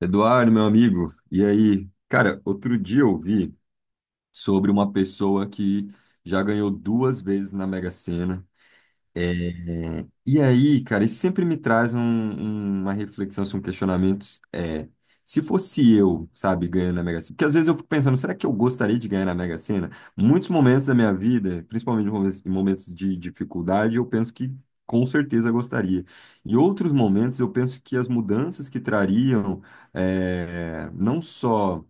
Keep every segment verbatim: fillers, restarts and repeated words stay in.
Eduardo, meu amigo, e aí? Cara, outro dia eu vi sobre uma pessoa que já ganhou duas vezes na Mega Sena. é, e aí, cara, isso sempre me traz um- um- uma reflexão, assim, um questionamento. É, Se fosse eu, sabe, ganhando na Mega Sena, porque às vezes eu fico pensando, será que eu gostaria de ganhar na Mega Sena? Muitos momentos da minha vida, principalmente em momentos em momentos de dificuldade, eu penso que com certeza gostaria. Em outros momentos, eu penso que as mudanças que trariam, é, não só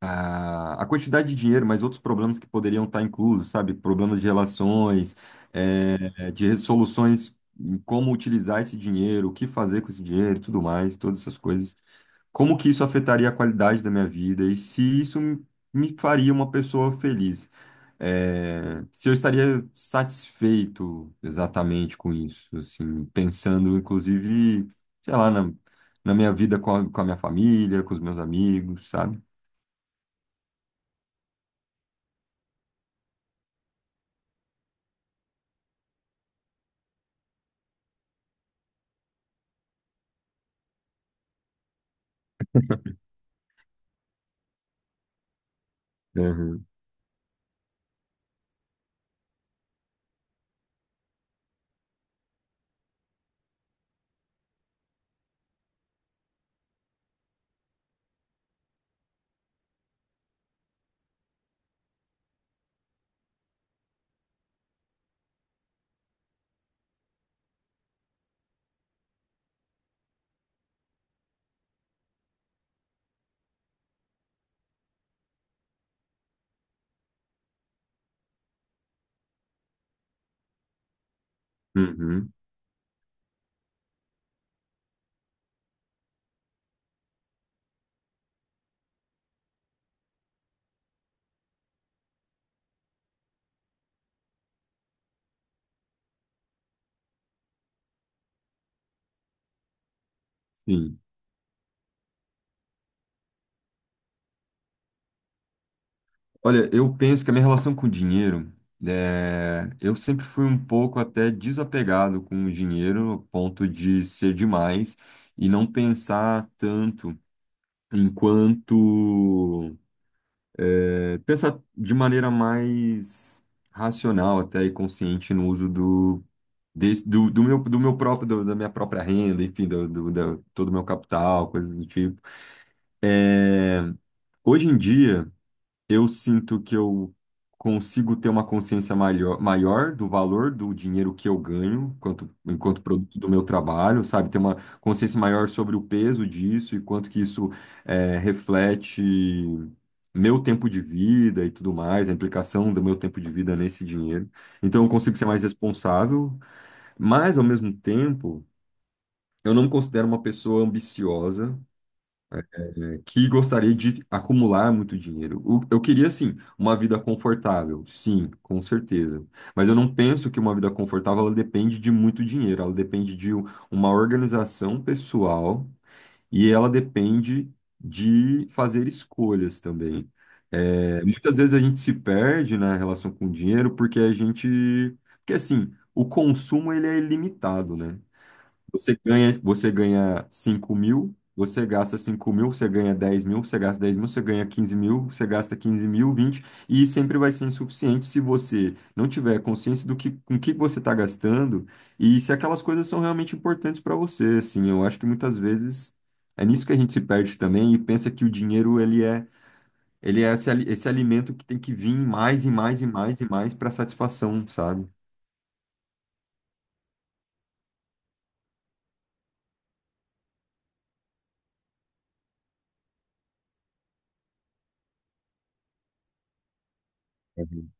a, a quantidade de dinheiro, mas outros problemas que poderiam estar inclusos, sabe? Problemas de relações, é, de soluções, em como utilizar esse dinheiro, o que fazer com esse dinheiro, e tudo mais, todas essas coisas. Como que isso afetaria a qualidade da minha vida e se isso me me faria uma pessoa feliz? É, se eu estaria satisfeito exatamente com isso, assim, pensando inclusive, sei lá, na, na minha vida com a, com a minha família, com os meus amigos, sabe? Uhum, sim. Olha, eu penso que a minha relação com o dinheiro, é, eu sempre fui um pouco até desapegado com o dinheiro, a ponto de ser demais e não pensar tanto enquanto, é, pensar de maneira mais racional até e consciente no uso do, desse- do, do meu, do meu próprio, do- da minha própria renda, enfim, do, do, da- todo o meu capital, coisas do tipo. Hoje em dia eu sinto que eu consigo ter uma consciência maior, maior do valor do dinheiro que eu ganho quanto, enquanto produto do meu trabalho, sabe? Ter uma consciência maior sobre o peso disso e quanto que isso eh, reflete meu tempo de vida e tudo mais, a implicação do meu tempo de vida nesse dinheiro. Então eu consigo ser mais responsável, mas ao mesmo tempo eu não me considero uma pessoa ambiciosa que gostaria de acumular muito dinheiro. O- Eu queria, sim, uma vida confortável, sim, com certeza. Mas eu não penso que uma vida confortável ela depende de muito dinheiro, ela depende de u- uma organização pessoal e ela depende de fazer escolhas também. É, muitas vezes a gente se perde na relação com o dinheiro porque a gente, porque assim, o consumo ele é ilimitado, né? Você ganha, você ganha cinco mil, você gasta cinco mil, você ganha dez mil, você gasta dez mil, você ganha quinze mil, você gasta quinze mil, vinte, e sempre vai ser insuficiente se você não tiver consciência do que, com que você está gastando e se aquelas coisas são realmente importantes para você, assim, eu acho que muitas vezes é nisso que a gente se perde também e pensa que o dinheiro, ele é, ele é esse, ali- esse alimento que tem que vir mais e mais e mais e mais para satisfação, sabe? Uhum.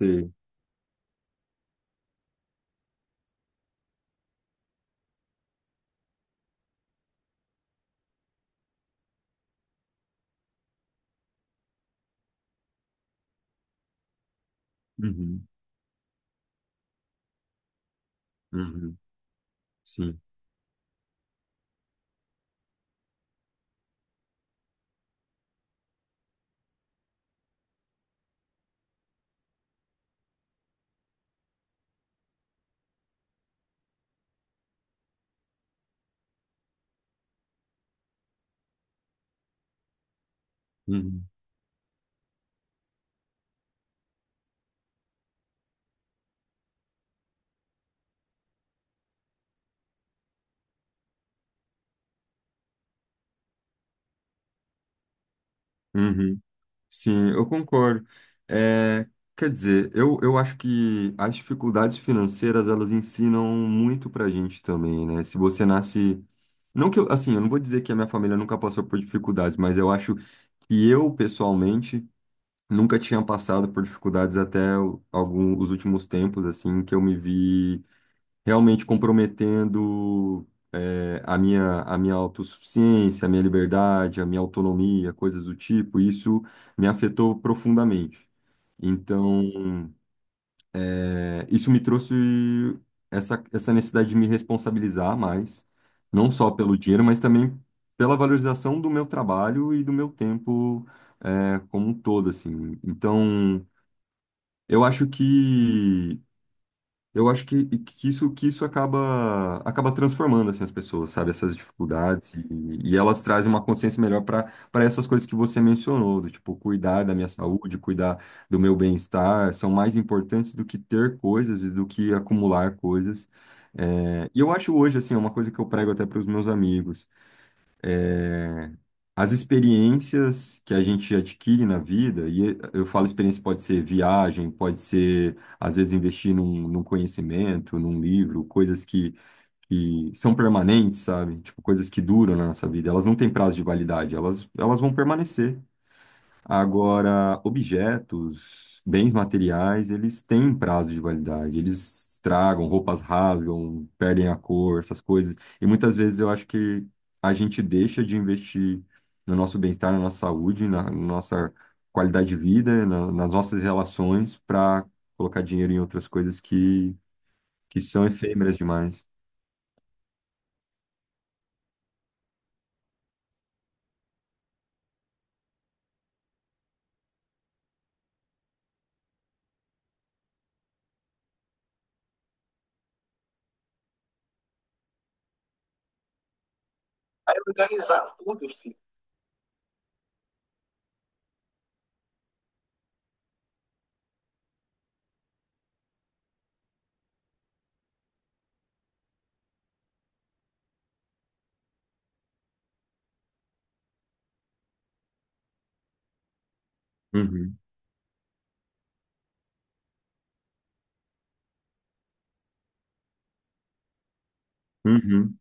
Sei. Uhum, uhum, sim. Uhum, uhum. Sim, eu concordo. É, Quer dizer, eu, eu acho que as dificuldades financeiras, elas ensinam muito pra gente também, né? Se você nasce... Não que eu, assim, eu não vou dizer que a minha família nunca passou por dificuldades, mas eu acho que eu, pessoalmente, nunca tinha passado por dificuldades até o- algum, os últimos tempos, assim, que eu me vi realmente comprometendo eh, a minha, a minha autossuficiência, a minha liberdade, a minha autonomia, coisas do tipo, isso me afetou profundamente. Então, eh, isso me trouxe essa, essa necessidade de me responsabilizar mais, não só pelo dinheiro, mas também pela valorização do meu trabalho e do meu tempo, eh, como um todo, assim. Então, eu acho que eu acho que, que isso, que isso acaba, acaba transformando assim, as pessoas, sabe? Essas dificuldades. E e elas trazem uma consciência melhor para para essas coisas que você mencionou, do tipo, cuidar da minha saúde, cuidar do meu bem-estar, são mais importantes do que ter coisas e do que acumular coisas. É, e eu acho hoje, assim, é uma coisa que eu prego até para os meus amigos. As experiências que a gente adquire na vida, e eu falo experiência pode ser viagem, pode ser, às vezes, investir num, num conhecimento, num livro, coisas que, que são permanentes, sabe? Tipo, coisas que duram na nossa vida. Elas não têm prazo de validade, elas, elas vão permanecer. Agora, objetos, bens materiais, eles têm prazo de validade. Eles estragam, roupas rasgam, perdem a cor, essas coisas. E muitas vezes eu acho que a gente deixa de investir no nosso bem-estar, na nossa saúde, na nossa qualidade de vida, na- nas nossas relações, para colocar dinheiro em outras coisas que, que são efêmeras demais. Aí organizar tudo, filho. Uhum, uhum,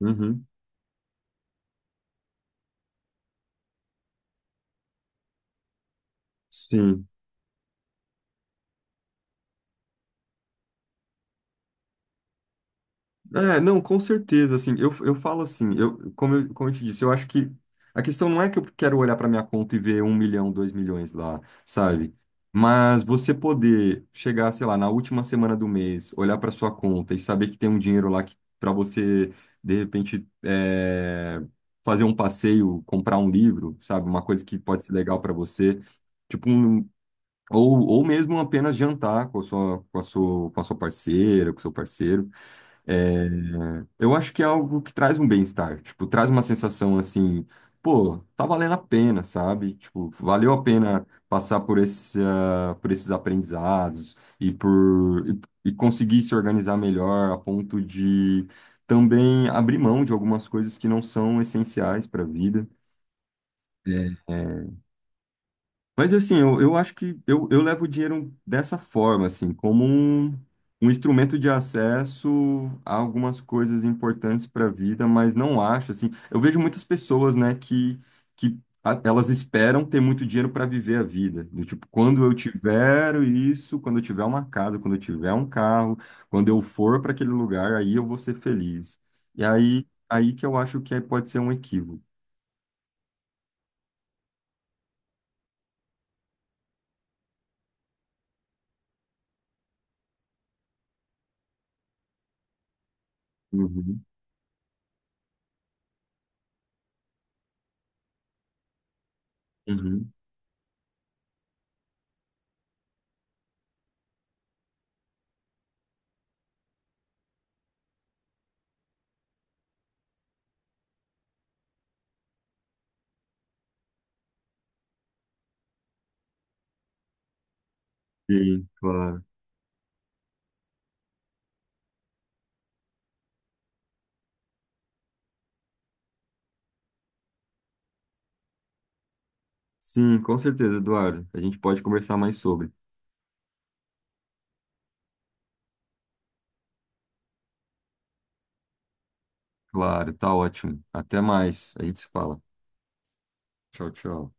uhum. Sim. É, não, com certeza, assim, eu, eu falo assim, eu, como eu, como eu te disse, eu acho que a questão não é que eu quero olhar para minha conta e ver um milhão, dois milhões lá, sabe? Mas você poder chegar, sei lá, na última semana do mês, olhar para sua conta e saber que tem um dinheiro lá que para você, de repente, é, fazer um passeio, comprar um livro, sabe? Uma coisa que pode ser legal para você, tipo um, ou, ou mesmo apenas jantar com a sua, com a sua, com a sua parceira, com o seu parceiro. É, eu acho que é algo que traz um bem-estar, tipo, traz uma sensação assim, pô, tá valendo a pena, sabe? Tipo, valeu a pena passar por esse, ah, por esses aprendizados e por e, e conseguir se organizar melhor a ponto de também abrir mão de algumas coisas que não são essenciais para a vida. É, é, mas assim, eu, eu acho que eu, eu levo o dinheiro dessa forma, assim, como um, um instrumento de acesso a algumas coisas importantes para a vida, mas não acho, assim, eu vejo muitas pessoas, né, que, que a- elas esperam ter muito dinheiro para viver a vida, do tipo, quando eu tiver isso, quando eu tiver uma casa, quando eu tiver um carro, quando eu for para aquele lugar, aí eu vou ser feliz. E aí, aí que eu acho que aí pode ser um equívoco. Uhum, uhum. Sim, claro. Sim, com certeza, Eduardo. A gente pode conversar mais sobre. Claro, tá ótimo. Até mais. A gente se fala. Tchau, tchau.